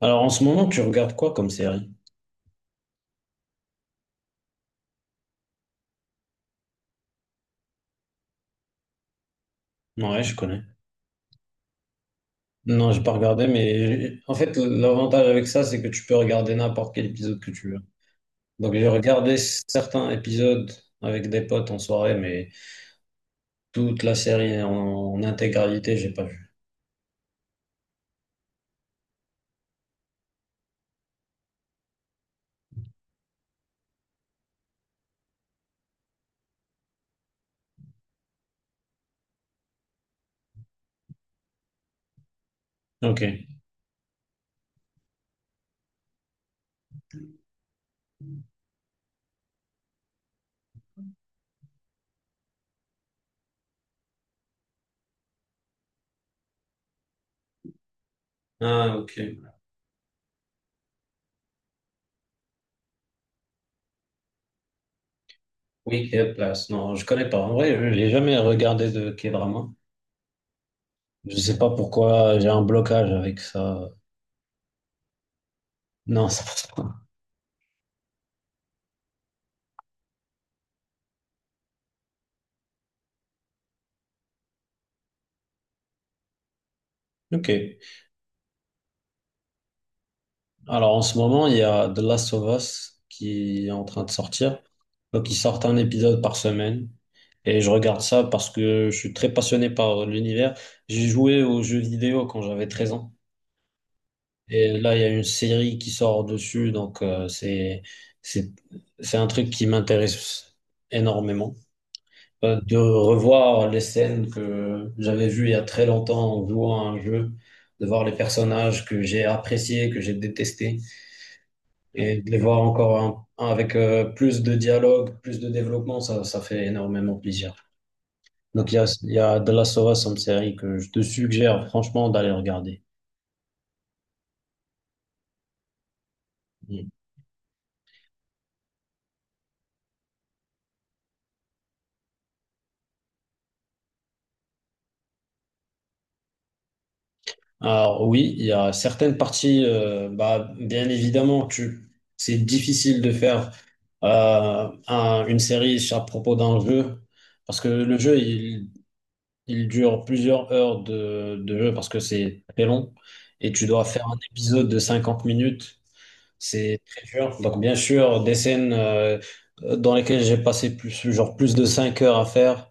Alors en ce moment, tu regardes quoi comme série? Ouais, je connais. Non, j'ai pas regardé, mais en fait, l'avantage avec ça, c'est que tu peux regarder n'importe quel épisode que tu veux. Donc j'ai regardé certains épisodes avec des potes en soirée, mais toute la série en intégralité, j'ai pas vu. Ok. Ah, ok. Oui, quelle place. Non, je connais pas. En vrai, je n'ai jamais regardé de K-drama. Je sais pas pourquoi j'ai un blocage avec ça. Non, ça passe pas. Ok. Alors en ce moment, il y a The Last of Us qui est en train de sortir. Donc ils sortent un épisode par semaine. Et je regarde ça parce que je suis très passionné par l'univers. J'ai joué aux jeux vidéo quand j'avais 13 ans. Et là, il y a une série qui sort dessus. Donc c'est, c'est un truc qui m'intéresse énormément. De revoir les scènes que j'avais vues il y a très longtemps en jouant à un jeu, de voir les personnages que j'ai appréciés, que j'ai détestés. Et de les voir encore un avec plus de dialogue, plus de développement, ça fait énormément plaisir. Donc il y a The Last of Us, une série que je te suggère franchement d'aller regarder. Mm. Alors oui, il y a certaines parties, bah, bien évidemment, c'est difficile de faire une série à propos d'un jeu, parce que il dure plusieurs heures de jeu, parce que c'est très long, et tu dois faire un épisode de 50 minutes. C'est très dur. Donc, bien sûr, des scènes dans lesquelles j'ai passé plus, genre plus de 5 heures à faire,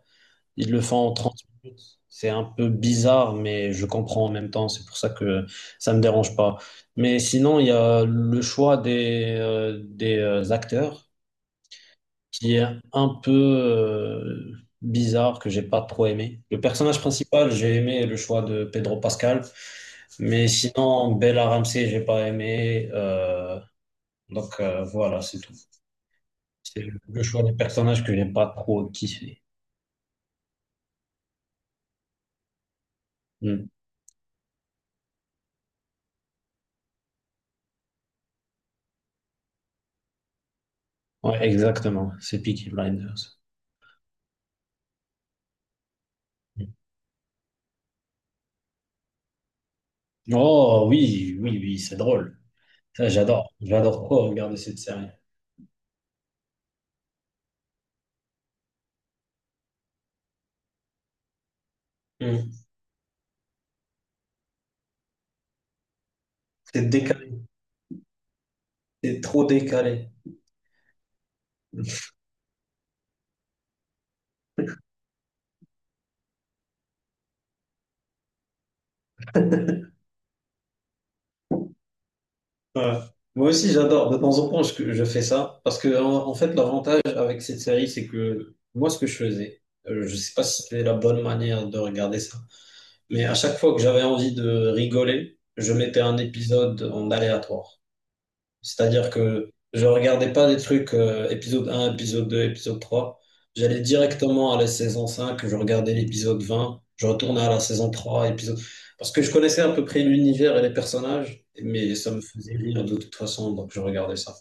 ils le font en 30 minutes. C'est un peu bizarre, mais je comprends en même temps. C'est pour ça que ça me dérange pas. Mais sinon, il y a le choix des acteurs qui est un peu bizarre, que j'ai pas trop aimé. Le personnage principal, j'ai aimé le choix de Pedro Pascal. Mais sinon, Bella Ramsey, j'ai pas aimé. Voilà, c'est tout. C'est le choix des personnages que j'ai pas trop kiffé. Hmm. Ouais, exactement. C'est Peaky Blinders. Oh oui, oui, oui, c'est drôle. Ça, j'adore. J'adore trop regarder cette série. Hmm. C'est décalé, c'est trop décalé. Ouais. Moi aussi, j'adore. De temps en temps, je fais ça. Parce que, en fait, l'avantage avec cette série, c'est que moi, ce que je faisais, je sais pas si c'était la bonne manière de regarder ça, mais à chaque fois que j'avais envie de rigoler, je mettais un épisode en aléatoire. C'est-à-dire que je regardais pas des trucs épisode un, épisode deux, épisode trois. J'allais directement à la saison cinq, je regardais l'épisode vingt, je retournais à la saison trois, épisode... Parce que je connaissais à peu près l'univers et les personnages, mais ça me faisait rire de toute façon, donc je regardais ça.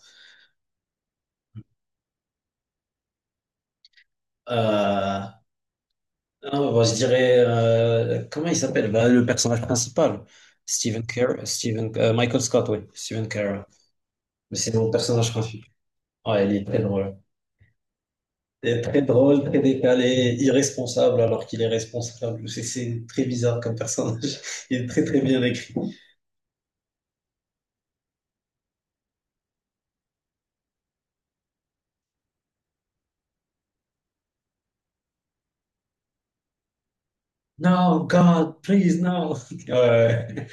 Euh, non, bah, je dirais... comment il s'appelle? Bah, le personnage principal. Michael Scott, oui. Stephen Carell. Mais c'est mon personnage principal. Ouais, il est très drôle. Est très drôle, très décalé, irresponsable alors qu'il est responsable. C'est très bizarre comme personnage. Il est très bien écrit. No, God, please, no. Ouais.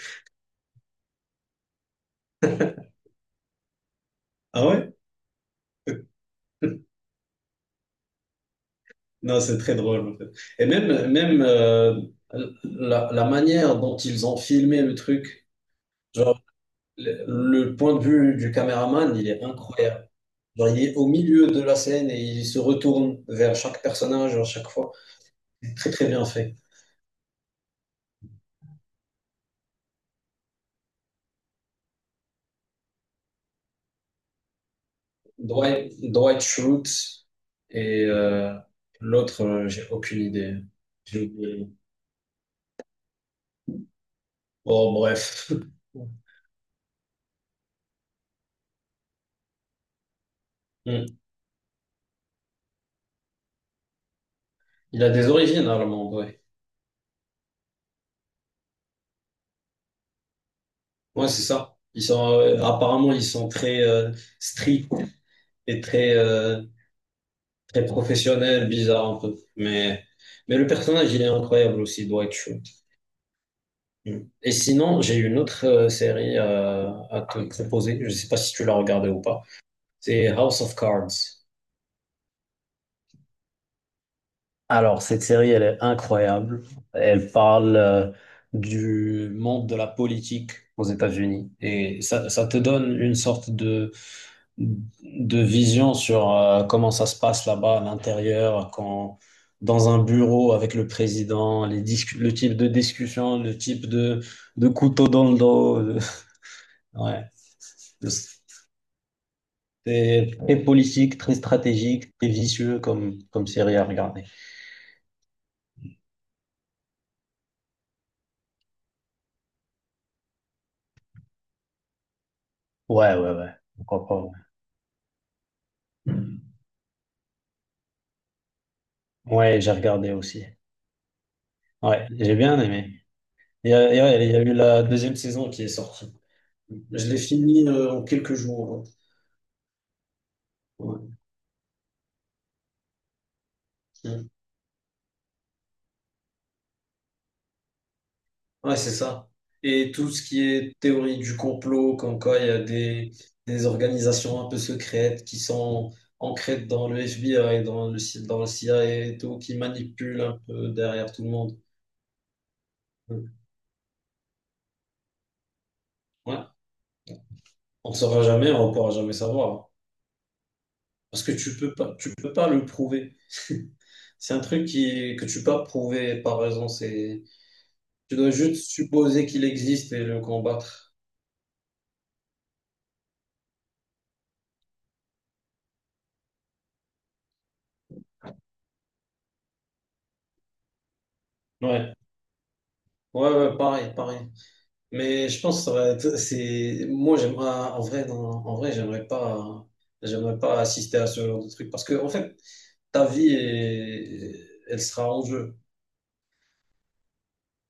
Ah ouais? Non, c'est très drôle. En fait. Et même la manière dont ils ont filmé le truc, genre le point de vue du caméraman, il est incroyable. Genre, il est au milieu de la scène et il se retourne vers chaque personnage à chaque fois. C'est très très bien fait. Dwight Schrute et l'autre, j'ai aucune idée. J'ai oublié. Oh, bref. Hmm. Il a des origines allemandes, ouais. Ouais, c'est ça. Apparemment, ils sont très stricts et très professionnels, bizarres un peu. Mais le personnage, il est incroyable aussi, Dwight Schrute. Hmm. Et sinon, j'ai une autre série à te proposer. Je sais pas si tu l'as regardée ou pas. C'est House of Cards. Alors, cette série, elle est incroyable. Elle parle du monde de la politique aux États-Unis. Et ça te donne une sorte de vision sur comment ça se passe là-bas à l'intérieur, quand, dans un bureau avec le président, le type de discussion, le type de couteau dans le dos. De- Ouais. C'est très politique, très stratégique, très vicieux comme série à regarder. Ouais, ouais, ouais. Pourquoi pas, ouais. Ouais, j'ai regardé aussi. Ouais, j'ai bien aimé. Il y a eu la deuxième saison qui est sortie. Je l'ai fini en quelques jours. Hein. Ouais, mm. Ouais, c'est ça. Et tout ce qui est théorie du complot, comme quoi il y a des organisations un peu secrètes qui sont ancrées dans le FBI, dans le CIA et tout, qui manipulent un peu derrière tout le monde. Mm. Ouais, on ne saura jamais, on ne pourra jamais savoir. Hein. Parce que tu peux pas le prouver. C'est un truc que tu peux pas prouver par raison. C'est, tu dois juste supposer qu'il existe et le combattre. Ouais. Ouais, ouais, pareil, pareil. Mais je pense que ça va être, c'est, moi, j'aimerais, en vrai, non, en vrai, j'aimerais pas assister à ce genre de truc parce que, en fait, elle sera en jeu.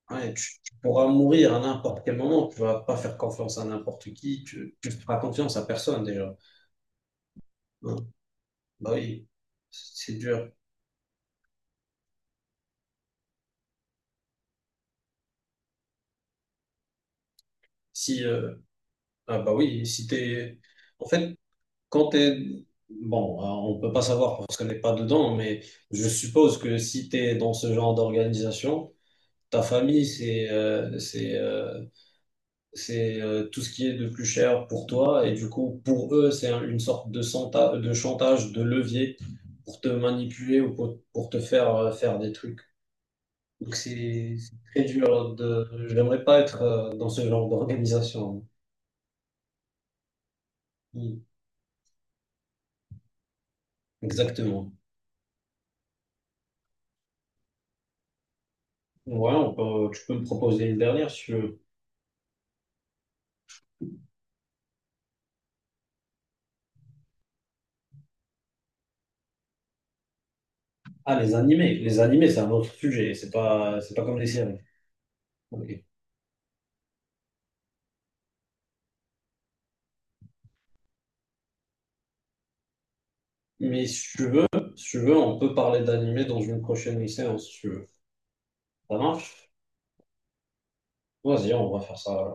Ouais, tu pourras mourir à n'importe quel moment. Tu vas pas faire confiance à n'importe qui. Tu feras confiance à personne, déjà. Hein. Bah oui, c'est dur. Si, Ah bah oui, si t'es... En fait, quand t'es... Bon, hein, on peut pas savoir parce qu'on n'est pas dedans, mais je suppose que si t'es dans ce genre d'organisation, ta famille, c'est tout ce qui est de plus cher pour toi, et du coup, pour eux, c'est une sorte de, de chantage, de levier pour te manipuler ou pour te faire faire des trucs. Donc c'est très dur de... J'aimerais pas être dans ce genre d'organisation. Mm, exactement. Ouais, tu peux me proposer une dernière si tu veux. Ah, les animés. Les animés, c'est un autre sujet. C'est pas comme les séries. Ok. Mais si tu veux, si tu veux, on peut parler d'animés dans une prochaine séance, si tu veux. Ça marche? Vas-y, on va faire ça.